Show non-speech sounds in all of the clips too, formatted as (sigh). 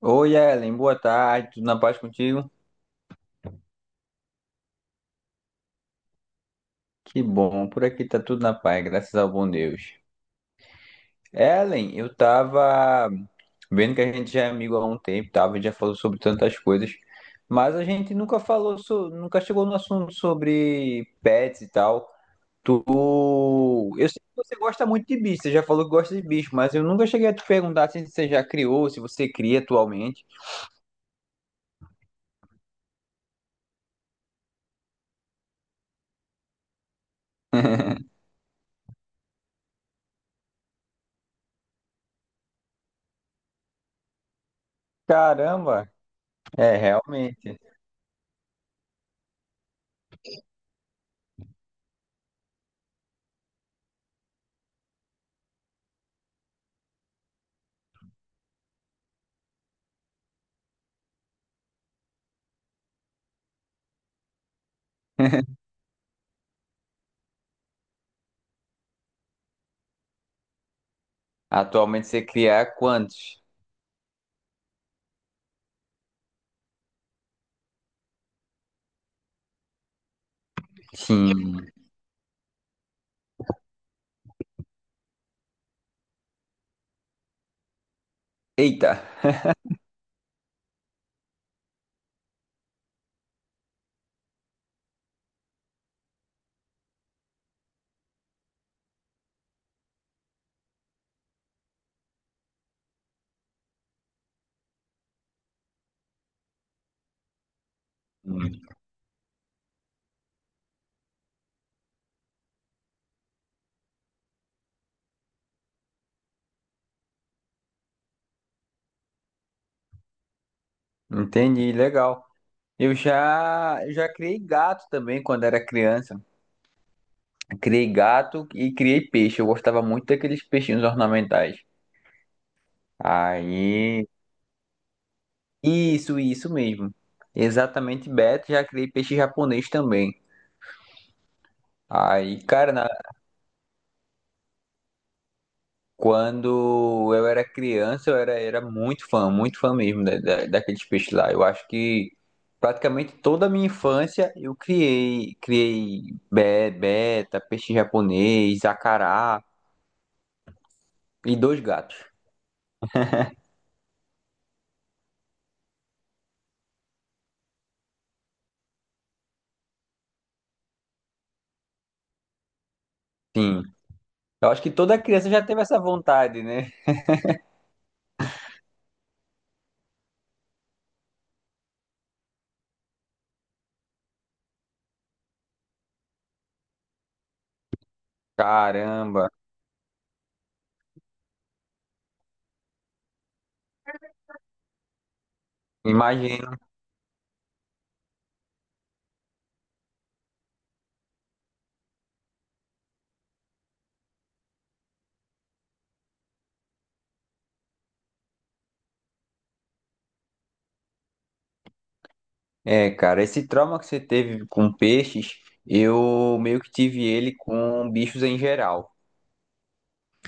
Oi, Ellen, boa tarde, tudo na paz contigo? Que bom, por aqui tá tudo na paz, graças ao bom Deus. Ellen, eu tava vendo que a gente já é amigo há um tempo, a gente já falou sobre tantas coisas, mas a gente nunca falou, nunca chegou no assunto sobre pets e tal. Tu, eu sei que você gosta muito de bicho, você já falou que gosta de bicho, mas eu nunca cheguei a te perguntar assim, se você já criou, se você cria atualmente. Caramba, é realmente. (laughs) Atualmente você cria quantos? Sim. Eita, entendi, legal. Eu já criei gato também quando era criança. Criei gato e criei peixe. Eu gostava muito daqueles peixinhos ornamentais. Aí, isso mesmo. Exatamente, Beto. Já criei peixe japonês também. Aí, cara, na quando eu era criança, eu era muito fã mesmo daqueles peixes lá. Eu acho que praticamente toda a minha infância eu beta, peixe japonês, acará e dois gatos. Sim, eu acho que toda criança já teve essa vontade, né? Caramba, imagino. É, cara, esse trauma que você teve com peixes, eu meio que tive ele com bichos em geral.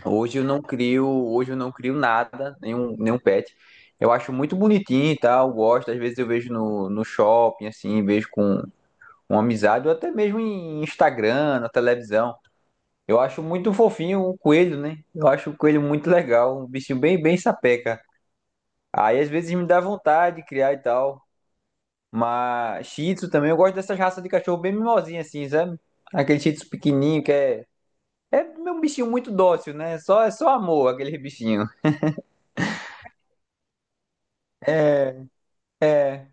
Hoje eu não crio, nada, nenhum pet. Eu acho muito bonitinho e tal, gosto. Às vezes eu vejo no shopping, assim, vejo com uma amizade, ou até mesmo em Instagram, na televisão. Eu acho muito fofinho o coelho, né? Eu acho o coelho muito legal, um bichinho bem, bem sapeca. Aí às vezes me dá vontade de criar e tal. Mas Shih Tzu também, eu gosto dessas raças de cachorro bem mimosinha, assim, sabe? Aquele Shih Tzu pequenininho que é. É um bichinho muito dócil, né? Só, é só amor, aquele bichinho. É.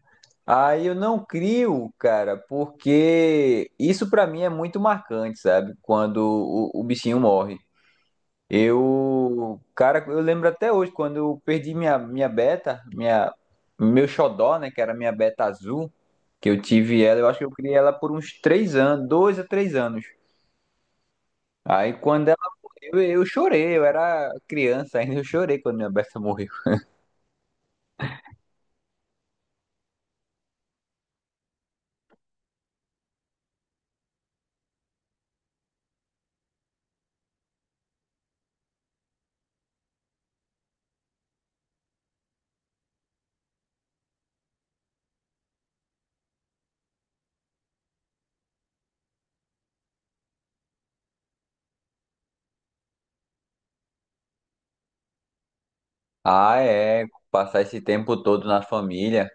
Aí eu não crio, cara, porque isso pra mim é muito marcante, sabe? Quando o bichinho morre. Eu, cara, eu lembro até hoje quando eu perdi minha beta, minha meu xodó, né, que era minha beta azul, que eu tive ela, eu acho que eu criei ela por uns 3 anos, 2 a 3 anos. Aí quando ela morreu, eu chorei, eu era criança (laughs) ainda, eu chorei quando minha beta morreu. Ah, é, passar esse tempo todo na família.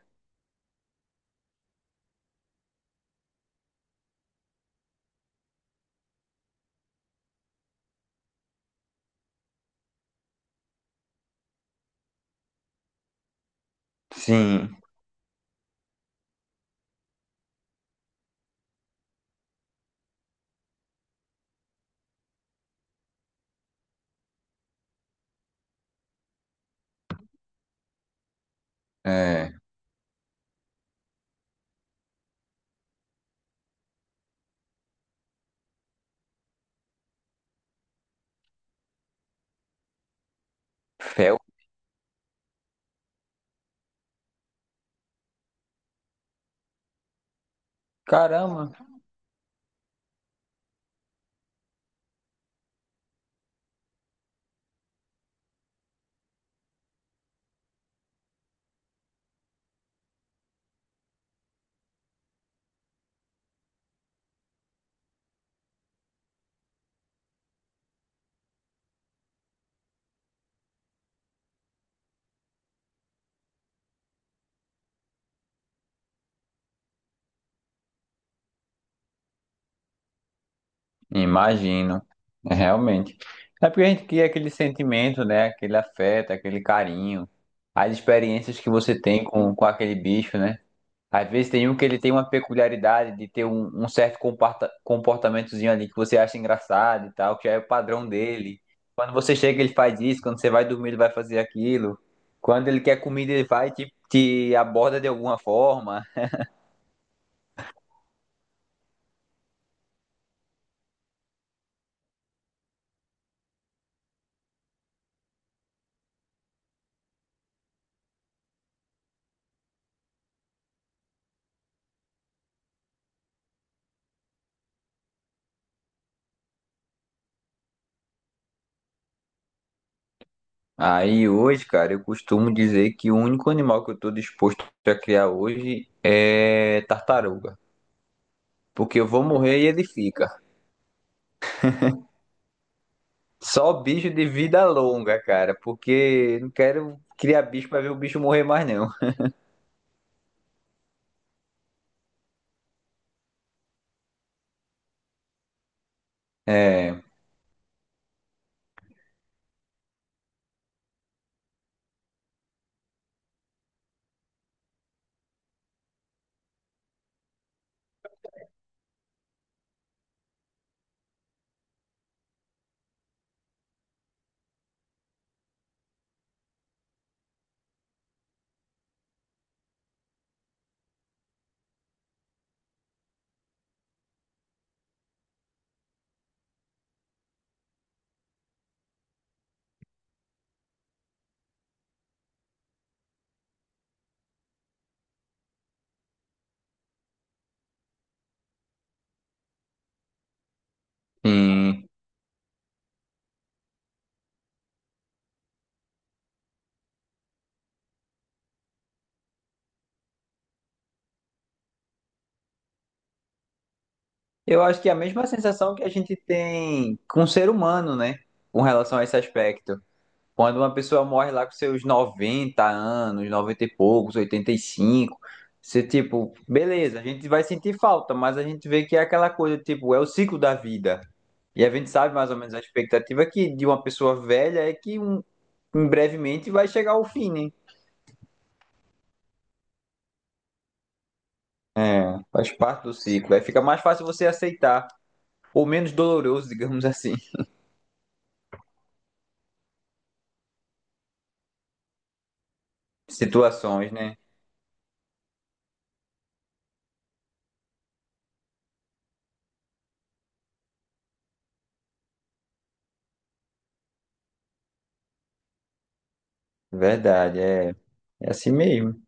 Sim. É. Fel? Caramba, imagino. É, realmente. É porque a gente cria aquele sentimento, né? Aquele afeto, aquele carinho, as experiências que você tem com aquele bicho, né? Às vezes tem um que ele tem uma peculiaridade de ter um certo comportamentozinho ali que você acha engraçado e tal, que já é o padrão dele. Quando você chega, ele faz isso, quando você vai dormir, ele vai fazer aquilo. Quando ele quer comida, ele vai e te aborda de alguma forma. Aí hoje, cara, eu costumo dizer que o único animal que eu tô disposto a criar hoje é tartaruga. Porque eu vou morrer e ele fica. Só bicho de vida longa, cara, porque não quero criar bicho pra ver o bicho morrer mais não. É, hum, eu acho que é a mesma sensação que a gente tem com o ser humano, né? Com relação a esse aspecto. Quando uma pessoa morre lá com seus 90 anos, 90 e poucos, 85, você, tipo, beleza, a gente vai sentir falta, mas a gente vê que é aquela coisa, tipo, é o ciclo da vida. E a gente sabe mais ou menos a expectativa que de uma pessoa velha é que um, em brevemente vai chegar ao fim, né? É, faz parte do ciclo. Aí fica mais fácil você aceitar, ou menos doloroso, (laughs) digamos assim, situações, né? Verdade, é, é assim mesmo.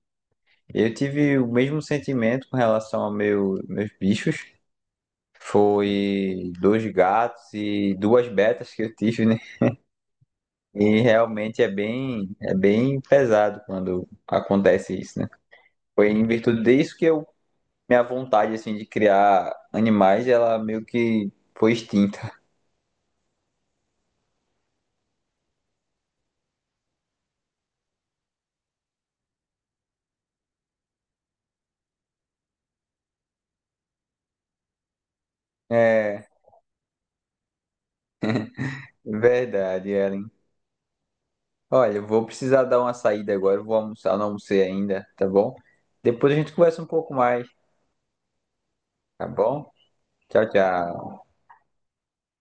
Eu tive o mesmo sentimento com relação aos meus bichos. Foi dois gatos e duas betas que eu tive, né? E realmente é bem pesado quando acontece isso, né? Foi em virtude disso que eu, minha vontade, assim, de criar animais, ela meio que foi extinta. É, verdade, Ellen. Olha, eu vou precisar dar uma saída agora, eu vou almoçar, não almocei ainda, tá bom? Depois a gente conversa um pouco mais, tá bom? Tchau, tchau.